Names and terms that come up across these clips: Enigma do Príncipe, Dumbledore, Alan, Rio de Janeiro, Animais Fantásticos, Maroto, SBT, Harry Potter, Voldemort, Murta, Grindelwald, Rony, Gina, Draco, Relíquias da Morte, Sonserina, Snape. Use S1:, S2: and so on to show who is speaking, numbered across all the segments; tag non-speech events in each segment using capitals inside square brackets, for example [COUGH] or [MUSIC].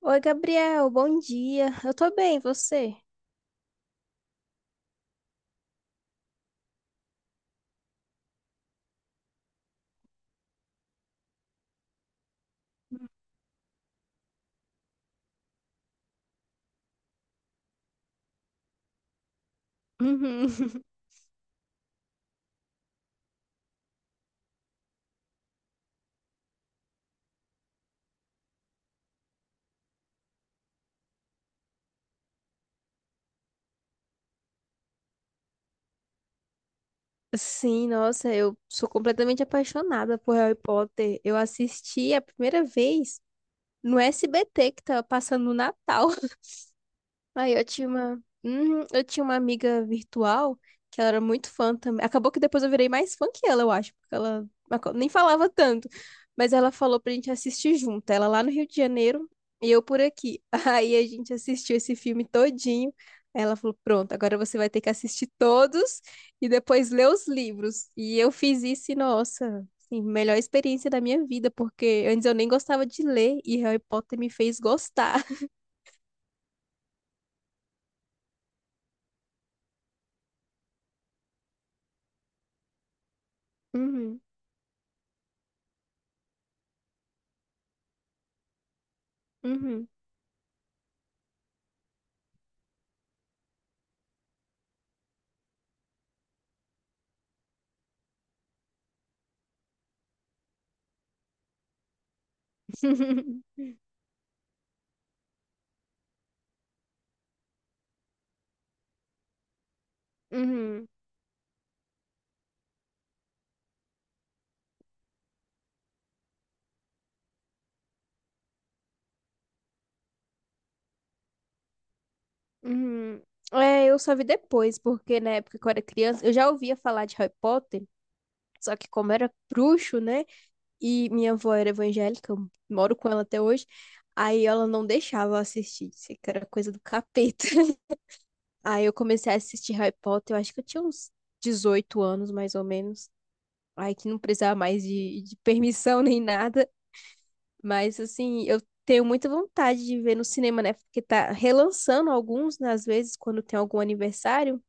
S1: Oi, Gabriel, bom dia. Eu tô bem, e você? Uhum. [LAUGHS] Sim, nossa, eu sou completamente apaixonada por Harry Potter. Eu assisti a primeira vez no SBT que tava passando no Natal. Aí eu tinha uma, Uhum. Eu tinha uma amiga virtual que ela era muito fã também. Acabou que depois eu virei mais fã que ela, eu acho, porque ela nem falava tanto. Mas ela falou pra gente assistir junto, ela lá no Rio de Janeiro e eu por aqui. [LAUGHS] Aí a gente assistiu esse filme todinho. Aí ela falou: "Pronto, agora você vai ter que assistir todos e depois ler os livros". E eu fiz isso e nossa, assim, melhor experiência da minha vida, porque antes eu nem gostava de ler e Harry Potter me fez gostar. [LAUGHS] Uhum, uhum. [LAUGHS] Uhum, uhum. É, eu só vi depois, porque na época que eu era criança, eu já ouvia falar de Harry Potter, só que como era bruxo, né? E minha avó era evangélica, eu moro com ela até hoje, aí ela não deixava eu assistir, disse que era coisa do capeta. [LAUGHS] Aí eu comecei a assistir Harry Potter, eu acho que eu tinha uns 18 anos, mais ou menos. Aí que não precisava mais de permissão nem nada. Mas assim, eu tenho muita vontade de ver no cinema, né? Porque tá relançando alguns, né, às vezes, quando tem algum aniversário.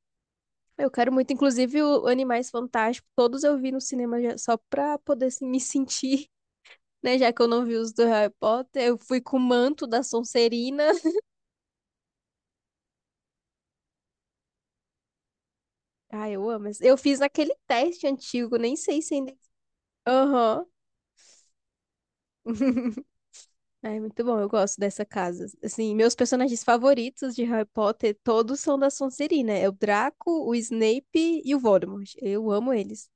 S1: Eu quero muito, inclusive, o Animais Fantásticos, todos eu vi no cinema só pra poder assim, me sentir, [LAUGHS] né? Já que eu não vi os do Harry Potter, eu fui com o manto da Sonserina. [LAUGHS] Ah, eu amo. Eu fiz aquele teste antigo, nem sei se ainda. Aham. [LAUGHS] É muito bom, eu gosto dessa casa. Assim, meus personagens favoritos de Harry Potter todos são da Sonserina. É o Draco, o Snape e o Voldemort. Eu amo eles.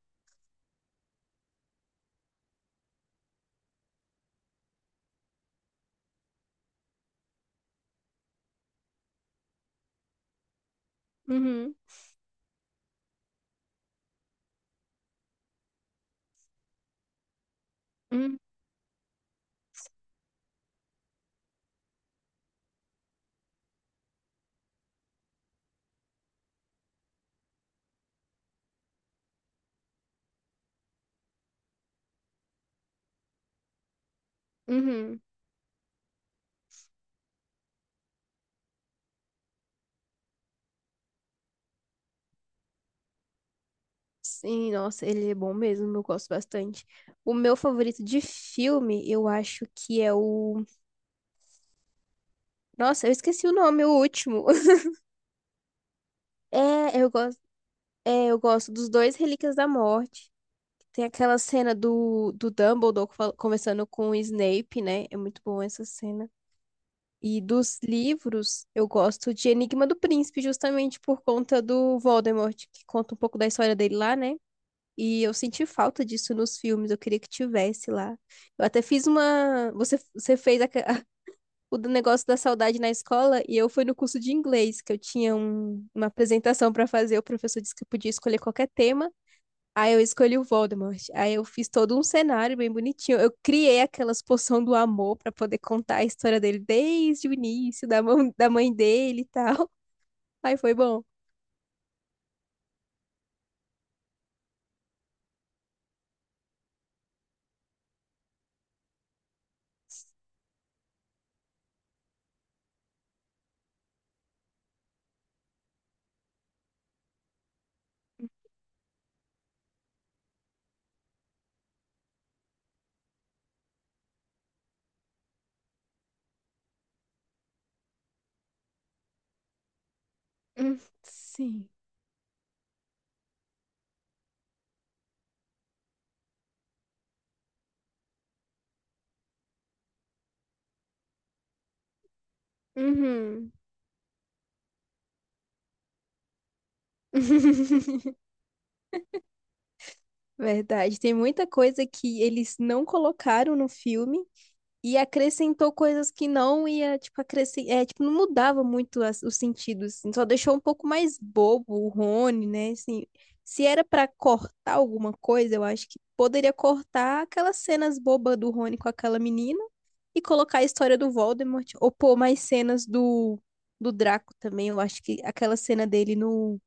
S1: Uhum, uhum, uhum. Sim, nossa, ele é bom mesmo, eu gosto bastante. O meu favorito de filme, eu acho que é o... Nossa, eu esqueci o nome, o último. [LAUGHS] É, eu gosto, é, eu gosto dos dois Relíquias da Morte. Tem aquela cena do Dumbledore conversando com o Snape, né? É muito bom essa cena. E dos livros, eu gosto de Enigma do Príncipe, justamente por conta do Voldemort, que conta um pouco da história dele lá, né? E eu senti falta disso nos filmes, eu queria que tivesse lá. Eu até fiz uma. [LAUGHS] O do negócio da saudade na escola, e eu fui no curso de inglês, que eu tinha uma apresentação para fazer, o professor disse que eu podia escolher qualquer tema. Aí eu escolhi o Voldemort. Aí eu fiz todo um cenário bem bonitinho. Eu criei aquelas poção do amor pra poder contar a história dele desde o início, da mãe dele e tal. [LAUGHS] Aí foi bom. Hum, Sim. Uhum. [LAUGHS] Verdade. Tem muita coisa que eles não colocaram no filme. E acrescentou coisas que não ia, tipo, é, tipo, não mudava muito os sentidos, assim, só deixou um pouco mais bobo o Rony, né? Assim, se era pra cortar alguma coisa, eu acho que poderia cortar aquelas cenas bobas do Rony com aquela menina e colocar a história do Voldemort, ou pôr mais cenas do Draco também. Eu acho que aquela cena dele no...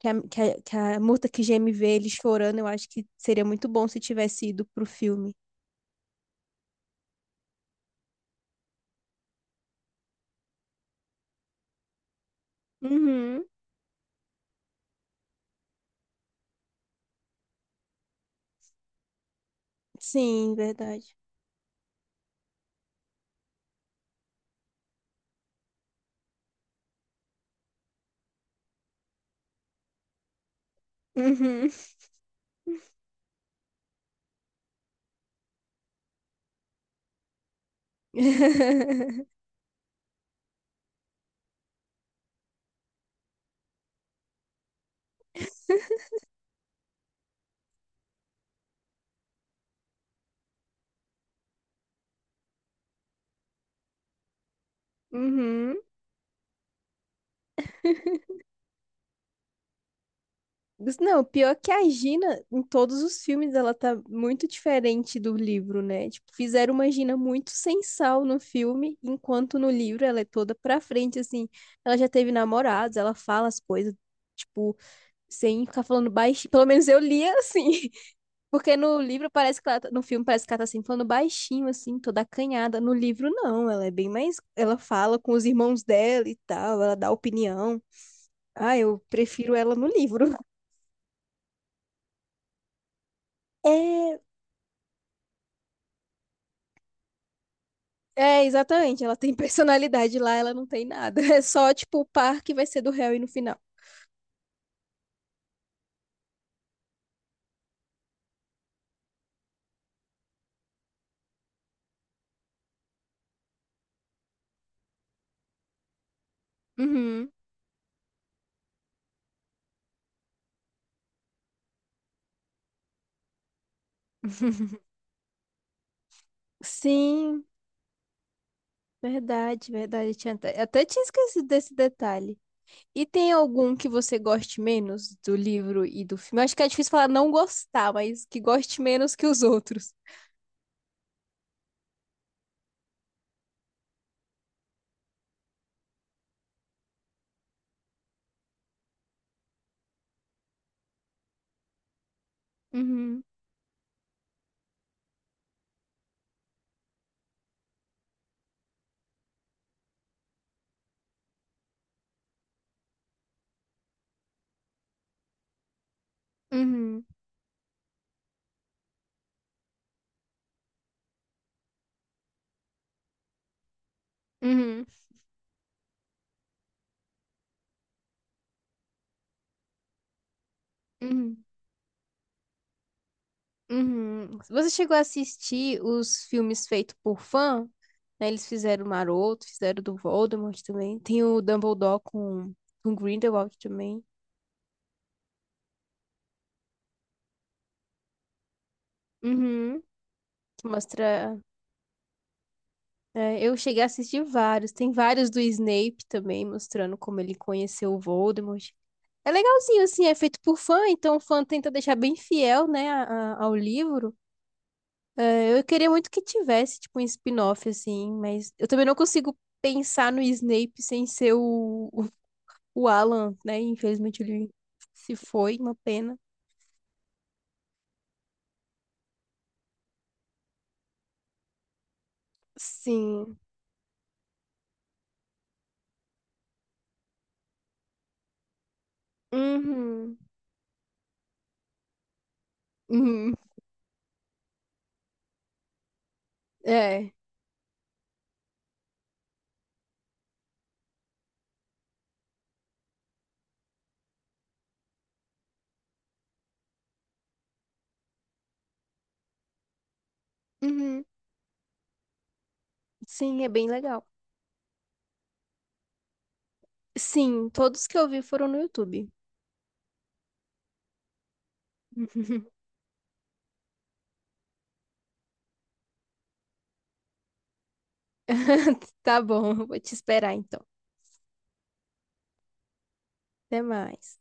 S1: Que a Murta que geme vê ele chorando, eu acho que seria muito bom se tivesse ido pro filme. Uhum. Sim, verdade. Uhum. [LAUGHS] Uhum. Não, pior que a Gina, em todos os filmes, ela tá muito diferente do livro, né? Tipo, fizeram uma Gina muito sem sal no filme, enquanto no livro ela é toda pra frente, assim. Ela já teve namorados, ela fala as coisas, tipo, sem ficar falando baixinho. Pelo menos eu lia assim. [LAUGHS] Porque no livro parece que no filme parece que ela tá assim, falando baixinho, assim, toda acanhada. No livro, não, ela é bem mais. Ela fala com os irmãos dela e tal, ela dá opinião. Ah, eu prefiro ela no livro. [LAUGHS] É, é, exatamente. Ela tem [LAUGHS] personalidade lá, ela não tem nada. É só, tipo, o par que vai ser do Harry no final. Uhum. [LAUGHS] Sim, verdade, verdade. Tinha até tinha esquecido desse detalhe. E tem algum que você goste menos do livro e do filme? Eu acho que é difícil falar não gostar, mas que goste menos que os outros. Uhum. Uhum. Uhum. Uhum. Uhum. Você chegou a assistir os filmes feitos por fã, né? Eles fizeram o Maroto, fizeram o do Voldemort também. Tem o Dumbledore com Grindelwald também. Uhum. Que mostra. É, eu cheguei a assistir vários. Tem vários do Snape também, mostrando como ele conheceu o Voldemort. É legalzinho, assim, é feito por fã, então o fã tenta deixar bem fiel, né, ao livro. Eu queria muito que tivesse, tipo, um spin-off, assim, mas eu também não consigo pensar no Snape sem ser o Alan, né? Infelizmente ele se foi, uma pena. Sim. Uhum. Uhum. É. Uhum. Sim, é bem legal. Sim, todos que eu vi foram no YouTube. [LAUGHS] Tá bom, vou te esperar então. Até mais.